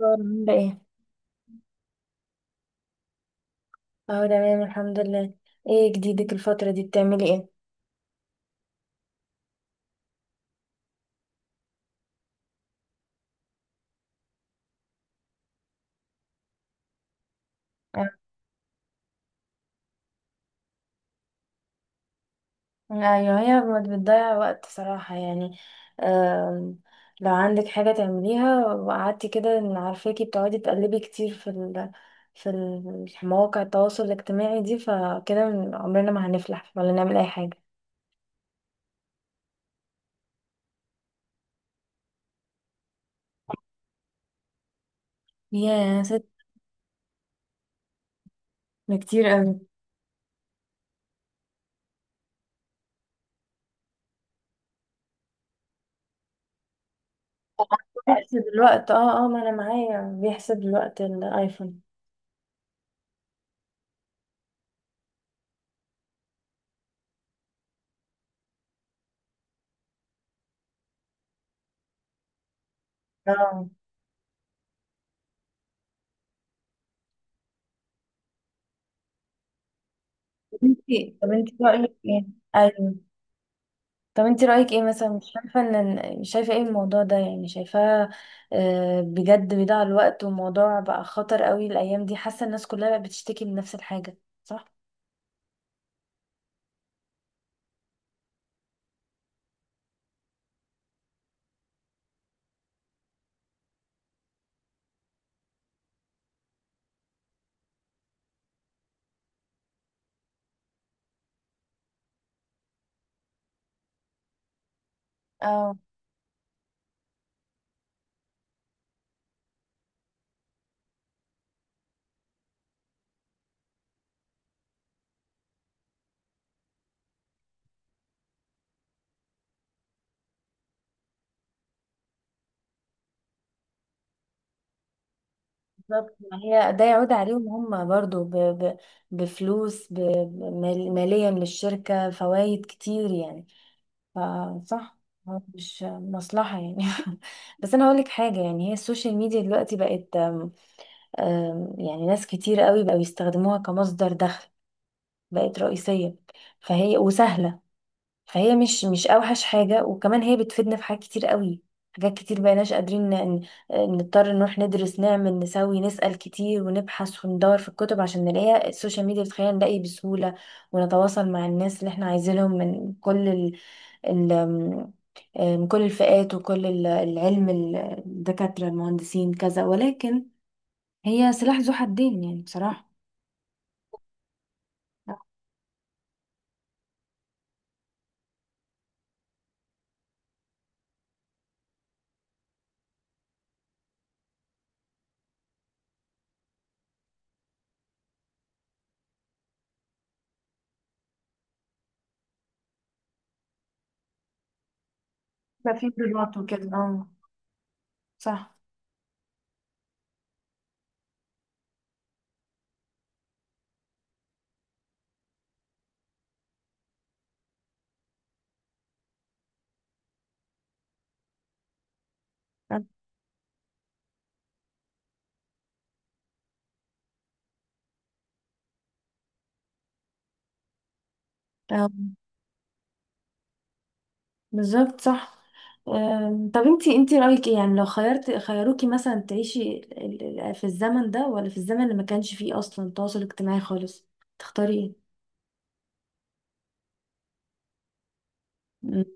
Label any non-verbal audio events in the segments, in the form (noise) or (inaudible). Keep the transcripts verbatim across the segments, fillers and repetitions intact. أخبار عاملة ايه؟ اه، تمام، الحمد لله. ايه جديدك الفترة دي بتعملي ايه؟ آه، ايوه، هي بت- بتضيع وقت صراحة يعني. آم، لو عندك حاجة تعمليها وقعدتي كده، إن عارفاكي بتقعدي تقلبي كتير في ال في ال- مواقع التواصل الاجتماعي دي، فكده من- عمرنا ما هنفلح ولا نعمل اي حاجة. يا ست، ده كتير قوي. بيحسب الوقت، اه اه ما انا معايا بيحسب الوقت الايفون. اه، طب انتي طب انتي رأيك ايه؟ ايوه، طب انت رأيك ايه مثلا؟ مش شايفة ان إن- شايفة ايه الموضوع ده؟ يعني شايفاه آه، بجد بيضيع الوقت، وموضوع بقى خطر قوي الايام دي. حاسة الناس كلها بقت بتشتكي من نفس الحاجة. صح. اه، بالظبط، ما هي ده يعود عليهم هم برضو ب... ب... بفلوس، ب... ب- مال- ماليا للشركة فوائد كتير يعني. فصح، هو مش مصلحة يعني. (laughs) بس أنا هقولك حاجة، يعني هي السوشيال ميديا دلوقتي بقت، آم، آم، يعني ناس كتير قوي بقوا يستخدموها كمصدر دخل. بقت رئيسية، فهي وسهلة، فهي مش مش أوحش حاجة، وكمان هي بتفيدنا في حاجات كتير قوي. حاجات كتير بقيناش قادرين ن- ن- نضطر نروح ندرس نعمل نسوي، نسأل كتير ونبحث وندور في الكتب عشان نلاقيها. السوشيال ميديا بتخلينا نلاقي بسهولة ونتواصل مع الناس اللي احنا عايزينهم من كل ال... ال... آم، آه، من كل الفئات، وكل ال- العلم، ال- الدكاترة، المهندسين، كذا. ولكن هي سلاح ذو حدين يعني بصراحة. ما في خبرات وكده، اه، صح. آه، بالظبط، صح. أم، طب انتي انتي رأيك ايه يعني لو خيرت خيروكي مثلا تعيشي ال- ال- في الزمن ده ولا في الزمن اللي ما كانش فيه اصلا تواصل اجتماعي خالص، تختاري ايه؟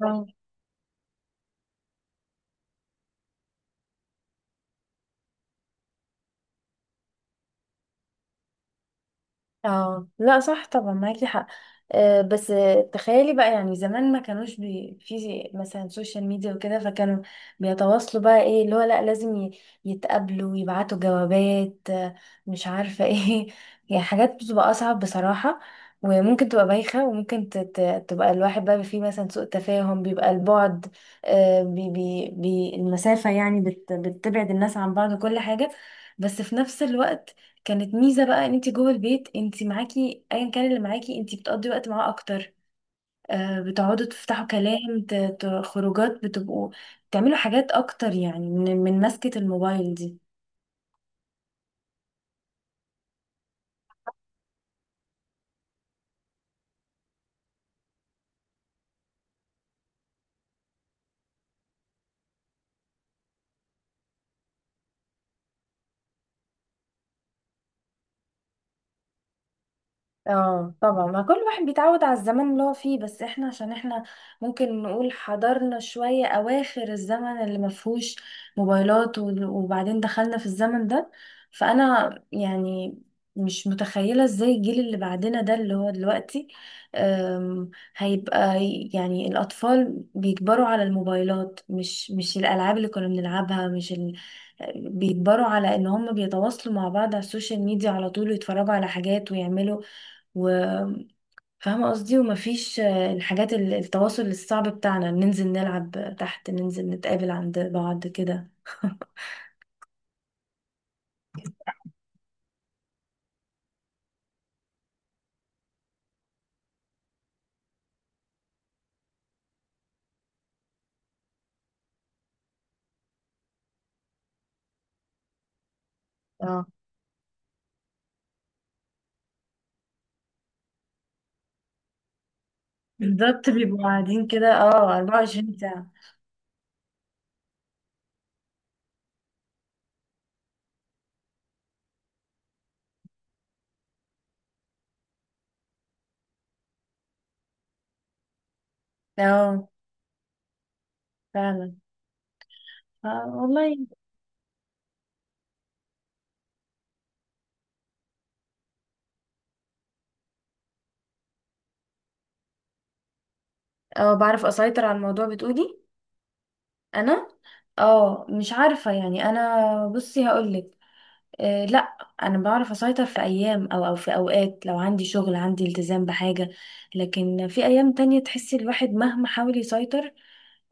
مم. اه لا، صح طبعا، معاكي حق. آه، بس آه، تخيلي بقى يعني زمان ما كانوش بي في مثلا سوشيال ميديا وكده، فكانوا بيتواصلوا بقى ايه؟ اللي هو لا، لازم ي- يتقابلوا، يبعتوا جوابات، آه، مش عارفة ايه. (laughs) يعني حاجات بتبقى أصعب بصراحة، وممكن تبقى بايخة، وممكن ت- ت- تبقى الواحد بقى فيه مثلا سوء تفاهم، بيبقى البعد، آه، بي بي بي المسافة يعني بت بتبعد الناس عن بعض وكل حاجة. بس في نفس الوقت كانت ميزة بقى، ان انت جوه البيت انت معاكي ايا كان اللي معاكي، انت بتقضي وقت معاه اكتر. آه، بتقعدوا تفتحوا كلام، ت- ت- خروجات، بتبقوا تعملوا حاجات اكتر يعني، من من مسكة الموبايل دي. اه طبعا، ما كل واحد بيتعود على الزمن اللي هو فيه. بس احنا عشان احنا ممكن نقول حضرنا شوية اواخر الزمن اللي ما فيهوش موبايلات، و- وبعدين دخلنا في الزمن ده، فانا يعني مش متخيلة ازاي الجيل اللي بعدنا ده اللي هو دلوقتي، أم، هيبقى يعني الاطفال بيكبروا على الموبايلات، مش مش الالعاب اللي كنا بنلعبها، مش ال... بيكبروا على ان هم بيتواصلوا مع بعض على السوشيال ميديا على طول، ويتفرجوا على حاجات ويعملوا، وفاهمة قصدي. ومفيش آه، الحاجات ال- التواصل الصعب بتاعنا، ننزل نلعب تحت، ننزل نتقابل عند بعض كده. (laughs) اه بالظبط، بيبقوا قاعدين كده، اه 24 ساعة. اه فعلا. آه والله. اه، بعرف اسيطر على الموضوع، بتقولي؟ انا، اه، مش عارفة يعني. انا بصي هقولك، آه لا، انا بعرف اسيطر في ايام، او او في اوقات لو عندي شغل، عندي التزام بحاجة. لكن في ايام تانية تحسي الواحد مهما حاول يسيطر،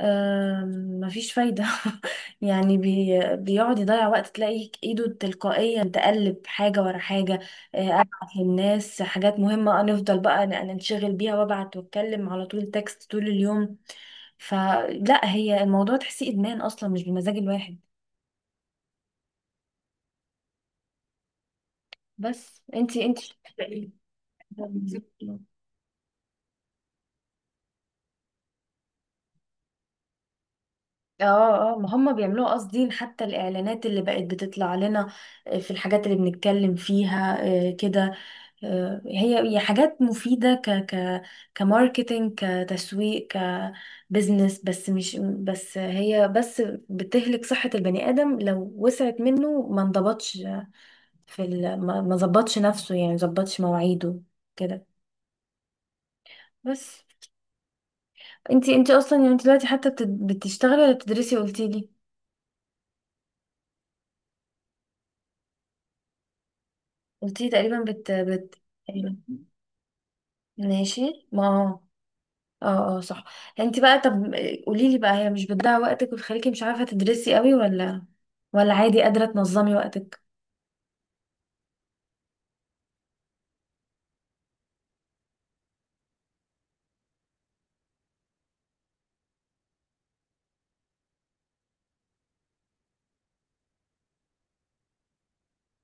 أم، مفيش فايدة. (laughs) يعني بي بيقعد يضيع وقت، تلاقي ايده تلقائيا تقلب حاجة ورا حاجة، آه، ابعت للناس حاجات مهمة، نفضل بقى ن- ننشغل بيها، وابعت واتكلم على طول تكست طول اليوم. فلا، هي الموضوع تحسيه ادمان اصلا، مش بمزاج الواحد. بس انتي انتي شايفة إيه؟ اه اه، ما هم بيعملوها قاصدين، حتى الاعلانات اللي بقت بتطلع لنا آه، في الحاجات اللي بنتكلم فيها آه، كده. آه، هي هي حاجات مفيدة، ك ك كماركتينج، كتسويق، كبزنس. بس مش بس هي بس، بتهلك صحة البني آدم لو وسعت منه ما انضبطش، في ال ما ما ظبطش نفسه، يعني ما ظبطش مواعيده كده. بس انتي انتي اصلا، يعني انتي دلوقتي حتى بت- بتشتغلي ولا بتدرسي، قلتيلي قلتيلي تقريبا بت بت ماشي. ما اه اه، صح. انت بقى، طب قولي لي بقى، هي مش بتضيع وقتك وتخليكي مش عارفة تدرسي قوي، ولا ولا عادي قادرة تنظمي وقتك؟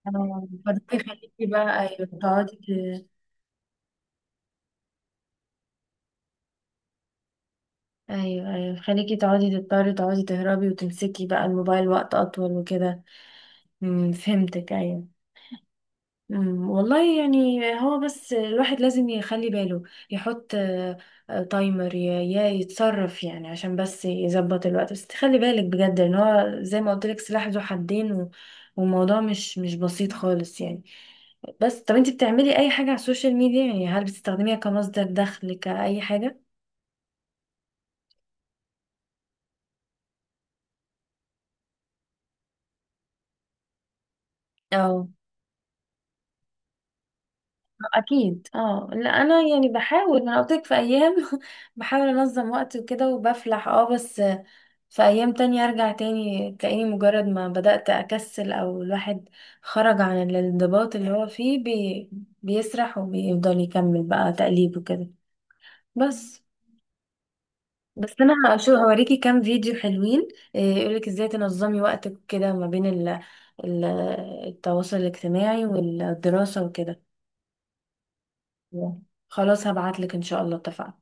آه. فده يخليكي بقى ايوه تقعدي ت- ايوه ايوه، خليكي تقعدي تضطري تقعدي تهربي وتمسكي بقى الموبايل وقت اطول وكده. امم فهمتك، ايوه. أمم، والله يعني هو بس الواحد لازم يخلي باله، يحط آه، آه، تايمر، يا يا يتصرف يعني، عشان بس يظبط الوقت، بس تخلي بالك بجد ان هو زي ما قلت لك سلاح ذو حدين، و- والموضوع مش مش بسيط خالص يعني. بس طب، انت بتعملي اي حاجة على السوشيال ميديا يعني؟ هل بتستخدميها كمصدر دخل كأي حاجة؟ اه اكيد. اه لا، انا يعني بحاول، ما انا قلت لك في ايام، (laughs) بحاول انظم وقتي وكده وبفلح، اه بس في ايام تانية ارجع تاني، تلاقيني مجرد ما بدأت اكسل، او الواحد خرج عن الانضباط اللي هو فيه، بي بيسرح وبيفضل يكمل بقى تقليب وكده. بس بس انا هشوف هوريكي كام فيديو حلوين، إيه، يقولك ازاي تنظمي وقتك كده ما بين ال... ال- التواصل الاجتماعي والدراسة وكده. خلاص هبعتلك، ان شاء الله، اتفقنا.